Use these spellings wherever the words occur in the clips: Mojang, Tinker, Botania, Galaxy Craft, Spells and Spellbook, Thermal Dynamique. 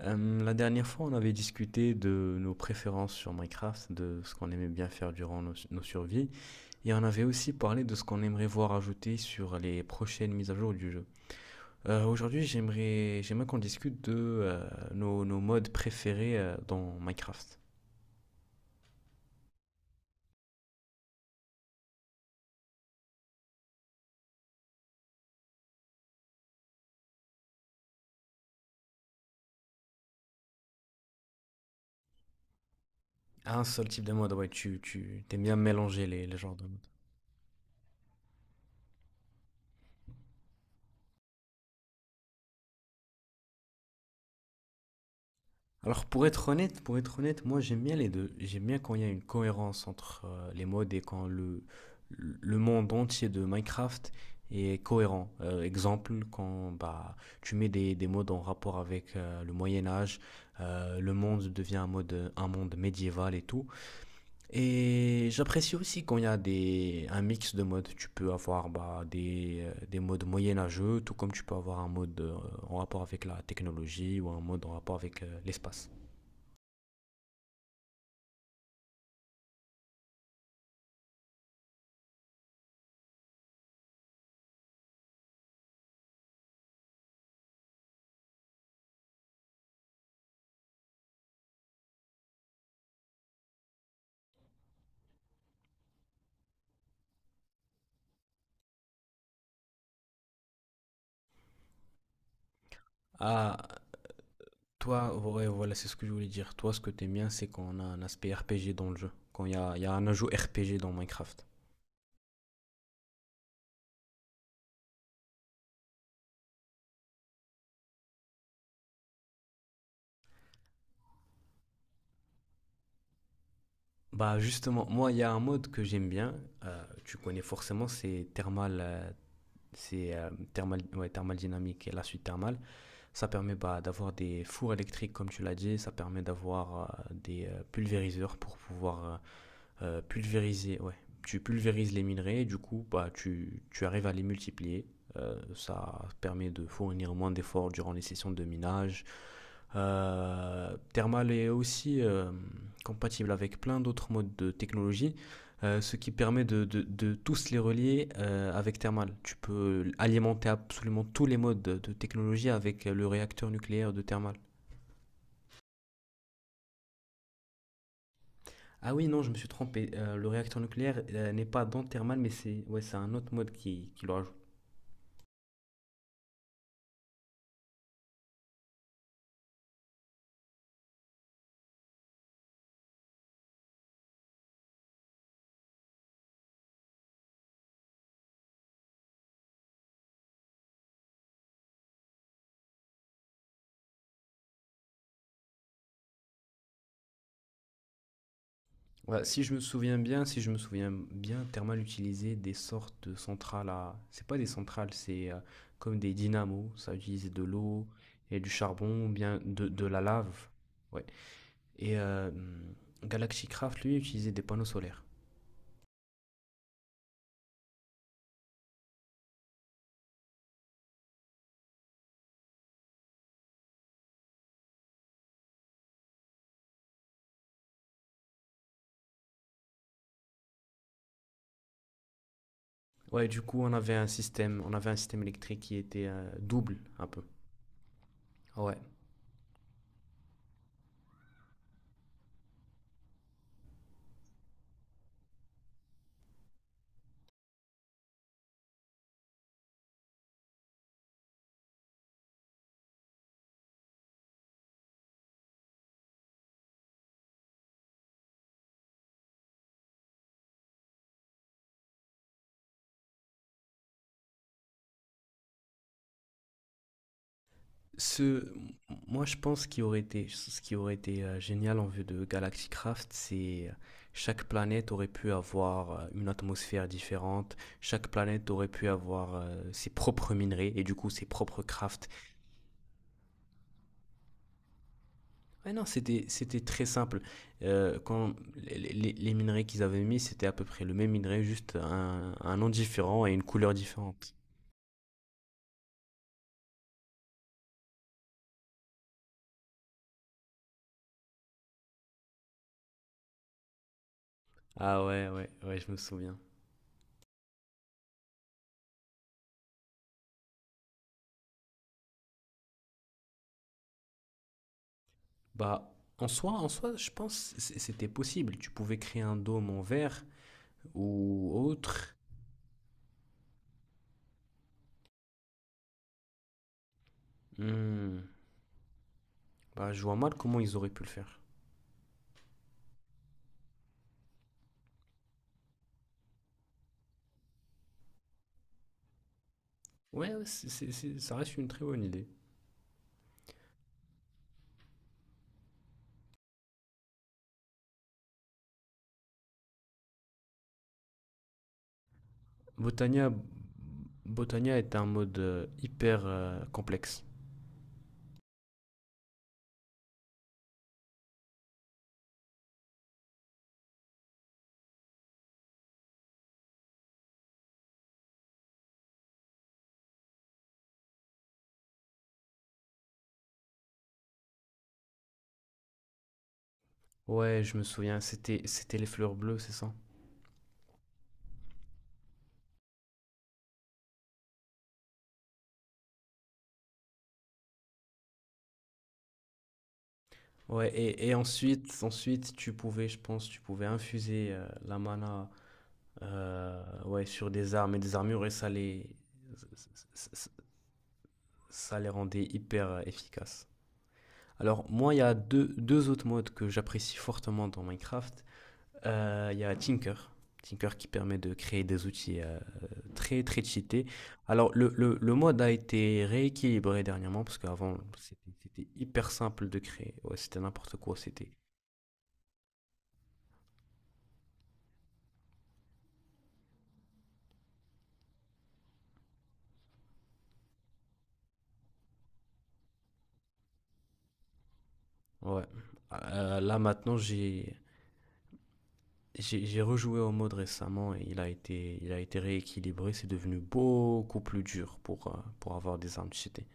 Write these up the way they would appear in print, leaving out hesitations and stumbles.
La dernière fois, on avait discuté de nos préférences sur Minecraft, de ce qu'on aimait bien faire durant nos survies, et on avait aussi parlé de ce qu'on aimerait voir ajouté sur les prochaines mises à jour du jeu. Aujourd'hui, j'aimerais qu'on discute de nos modes préférés dans Minecraft. Un seul type de mode, ouais, tu t'aimes bien mélanger les genres de modes. Alors pour être honnête, moi j'aime bien les deux. J'aime bien quand il y a une cohérence entre les modes et quand le monde entier de Minecraft est cohérent. Exemple, quand bah, tu mets des modes en rapport avec le Moyen Âge, le monde devient un, mode, un monde médiéval et tout. Et j'apprécie aussi quand il y a des, un mix de modes. Tu peux avoir bah, des modes moyenâgeux, tout comme tu peux avoir un mode en rapport avec la technologie ou un mode en rapport avec l'espace. Ah, toi, ouais, voilà, c'est ce que je voulais dire. Toi, ce que t'aimes bien, c'est quand on a un aspect RPG dans le jeu, quand il y a un ajout RPG dans Minecraft. Bah justement, moi, il y a un mode que j'aime bien, tu connais forcément, c'est Thermal, ouais, Thermal Dynamique et la suite Thermal. Ça permet bah, d'avoir des fours électriques, comme tu l'as dit, ça permet d'avoir des pulvériseurs pour pouvoir pulvériser, ouais. Tu pulvérises les minerais, du coup, bah, tu arrives à les multiplier. Ça permet de fournir moins d'efforts durant les sessions de minage. Thermal est aussi compatible avec plein d'autres modes de technologie, ce qui permet de tous les relier avec Thermal. Tu peux alimenter absolument tous les modes de technologie avec le réacteur nucléaire de Thermal. Ah oui, non, je me suis trompé. Le réacteur nucléaire n'est pas dans Thermal, mais c'est ouais, c'est un autre mode qui le rajoute. Ouais, si je me souviens bien, si je me souviens bien, Thermal utilisait des sortes de centrales à... C'est pas des centrales, c'est comme des dynamos. Ça utilisait de l'eau et du charbon, bien de la lave. Ouais. Et Galaxy Craft, lui, utilisait des panneaux solaires. Ouais, du coup, on avait un système électrique qui était double, un peu. Ouais. Ce, moi, je pense qu'il aurait été, ce qui aurait été génial en vue de Galaxy Craft, c'est chaque planète aurait pu avoir une atmosphère différente, chaque planète aurait pu avoir ses propres minerais et du coup ses propres crafts. Ouais, non, c'était très simple. Quand les minerais qu'ils avaient mis, c'était à peu près le même minerai, juste un nom différent et une couleur différente. Ah ouais, ouais, ouais, je me souviens. Bah, en soi, je pense c'était possible. Tu pouvais créer un dôme en verre ou autre. Hmm. Bah, je vois mal comment ils auraient pu le faire. Ouais, ouais, ça reste une très bonne idée. Botania, Botania est un mode hyper complexe. Ouais, je me souviens, c'était les fleurs bleues, c'est ça? Ouais, et ensuite, je pense, tu pouvais infuser la mana ouais, sur des armes et des armures et ça, ça les rendait hyper efficaces. Alors moi, il y a deux autres modes que j'apprécie fortement dans Minecraft. Il y a Tinker. Tinker qui permet de créer des outils très très cheatés. Alors le mode a été rééquilibré dernièrement parce qu'avant c'était hyper simple de créer. Ouais, c'était n'importe quoi, c'était. Ouais. Là maintenant j'ai rejoué au mode récemment et il a été rééquilibré. C'est devenu beaucoup plus dur pour avoir des armes cheatées.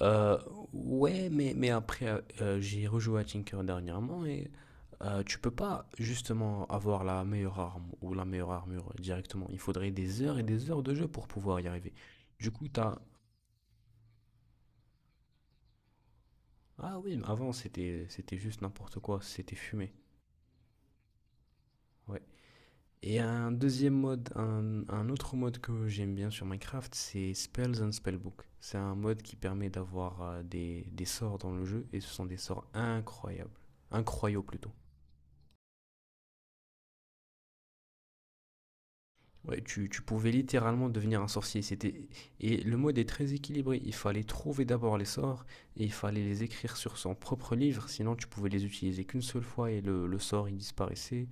Euh, ouais, mais après, j'ai rejoué à Tinker dernièrement et tu peux pas justement avoir la meilleure arme ou la meilleure armure directement. Il faudrait des heures et des heures de jeu pour pouvoir y arriver. Du coup, t'as... Ah oui, mais avant, c'était juste n'importe quoi, c'était fumé. Ouais. Et un deuxième mode, un autre mode que j'aime bien sur Minecraft, c'est Spells and Spellbook. C'est un mode qui permet d'avoir des sorts dans le jeu et ce sont des sorts incroyables. Incroyaux plutôt. Ouais, tu pouvais littéralement devenir un sorcier. C'était et le mode est très équilibré. Il fallait trouver d'abord les sorts et il fallait les écrire sur son propre livre. Sinon, tu pouvais les utiliser qu'une seule fois et le sort il disparaissait.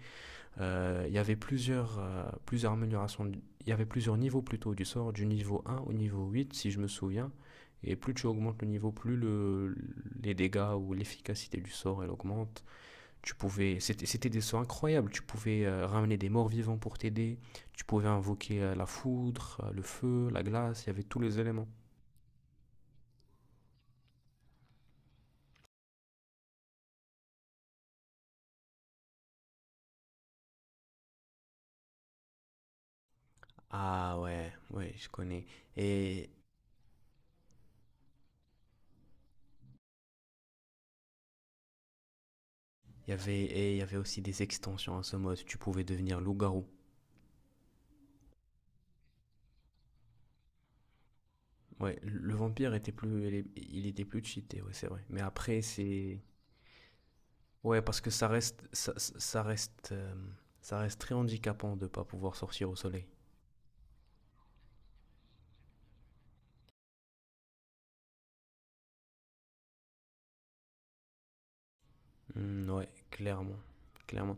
Il y avait plusieurs plusieurs améliorations. Il y avait plusieurs niveaux plutôt du sort, du niveau un au niveau 8, si je me souviens. Et plus tu augmentes le niveau, plus les dégâts ou l'efficacité du sort elle augmente. Tu pouvais, c'était des sons incroyables. Tu pouvais ramener des morts vivants pour t'aider. Tu pouvais invoquer la foudre, le feu, la glace. Il y avait tous les éléments. Ah ouais, ouais, je connais. Et et il y avait aussi des extensions à ce mode. Tu pouvais devenir loup-garou. Ouais, le vampire était plus, il était plus cheaté, ouais, c'est vrai. Mais après, c'est, ouais, parce que ça reste, ça ça reste très handicapant de pas pouvoir sortir au soleil. Hmm, ouais, clairement, clairement.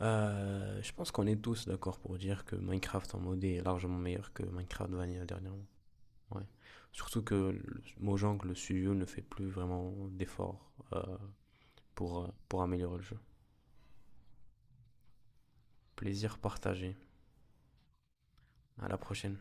Je pense qu'on est tous d'accord pour dire que Minecraft en modé est largement meilleur que Minecraft Vanilla dernièrement. Ouais. Surtout que Mojang, le studio, ne fait plus vraiment d'efforts pour améliorer le jeu. Plaisir partagé. À la prochaine.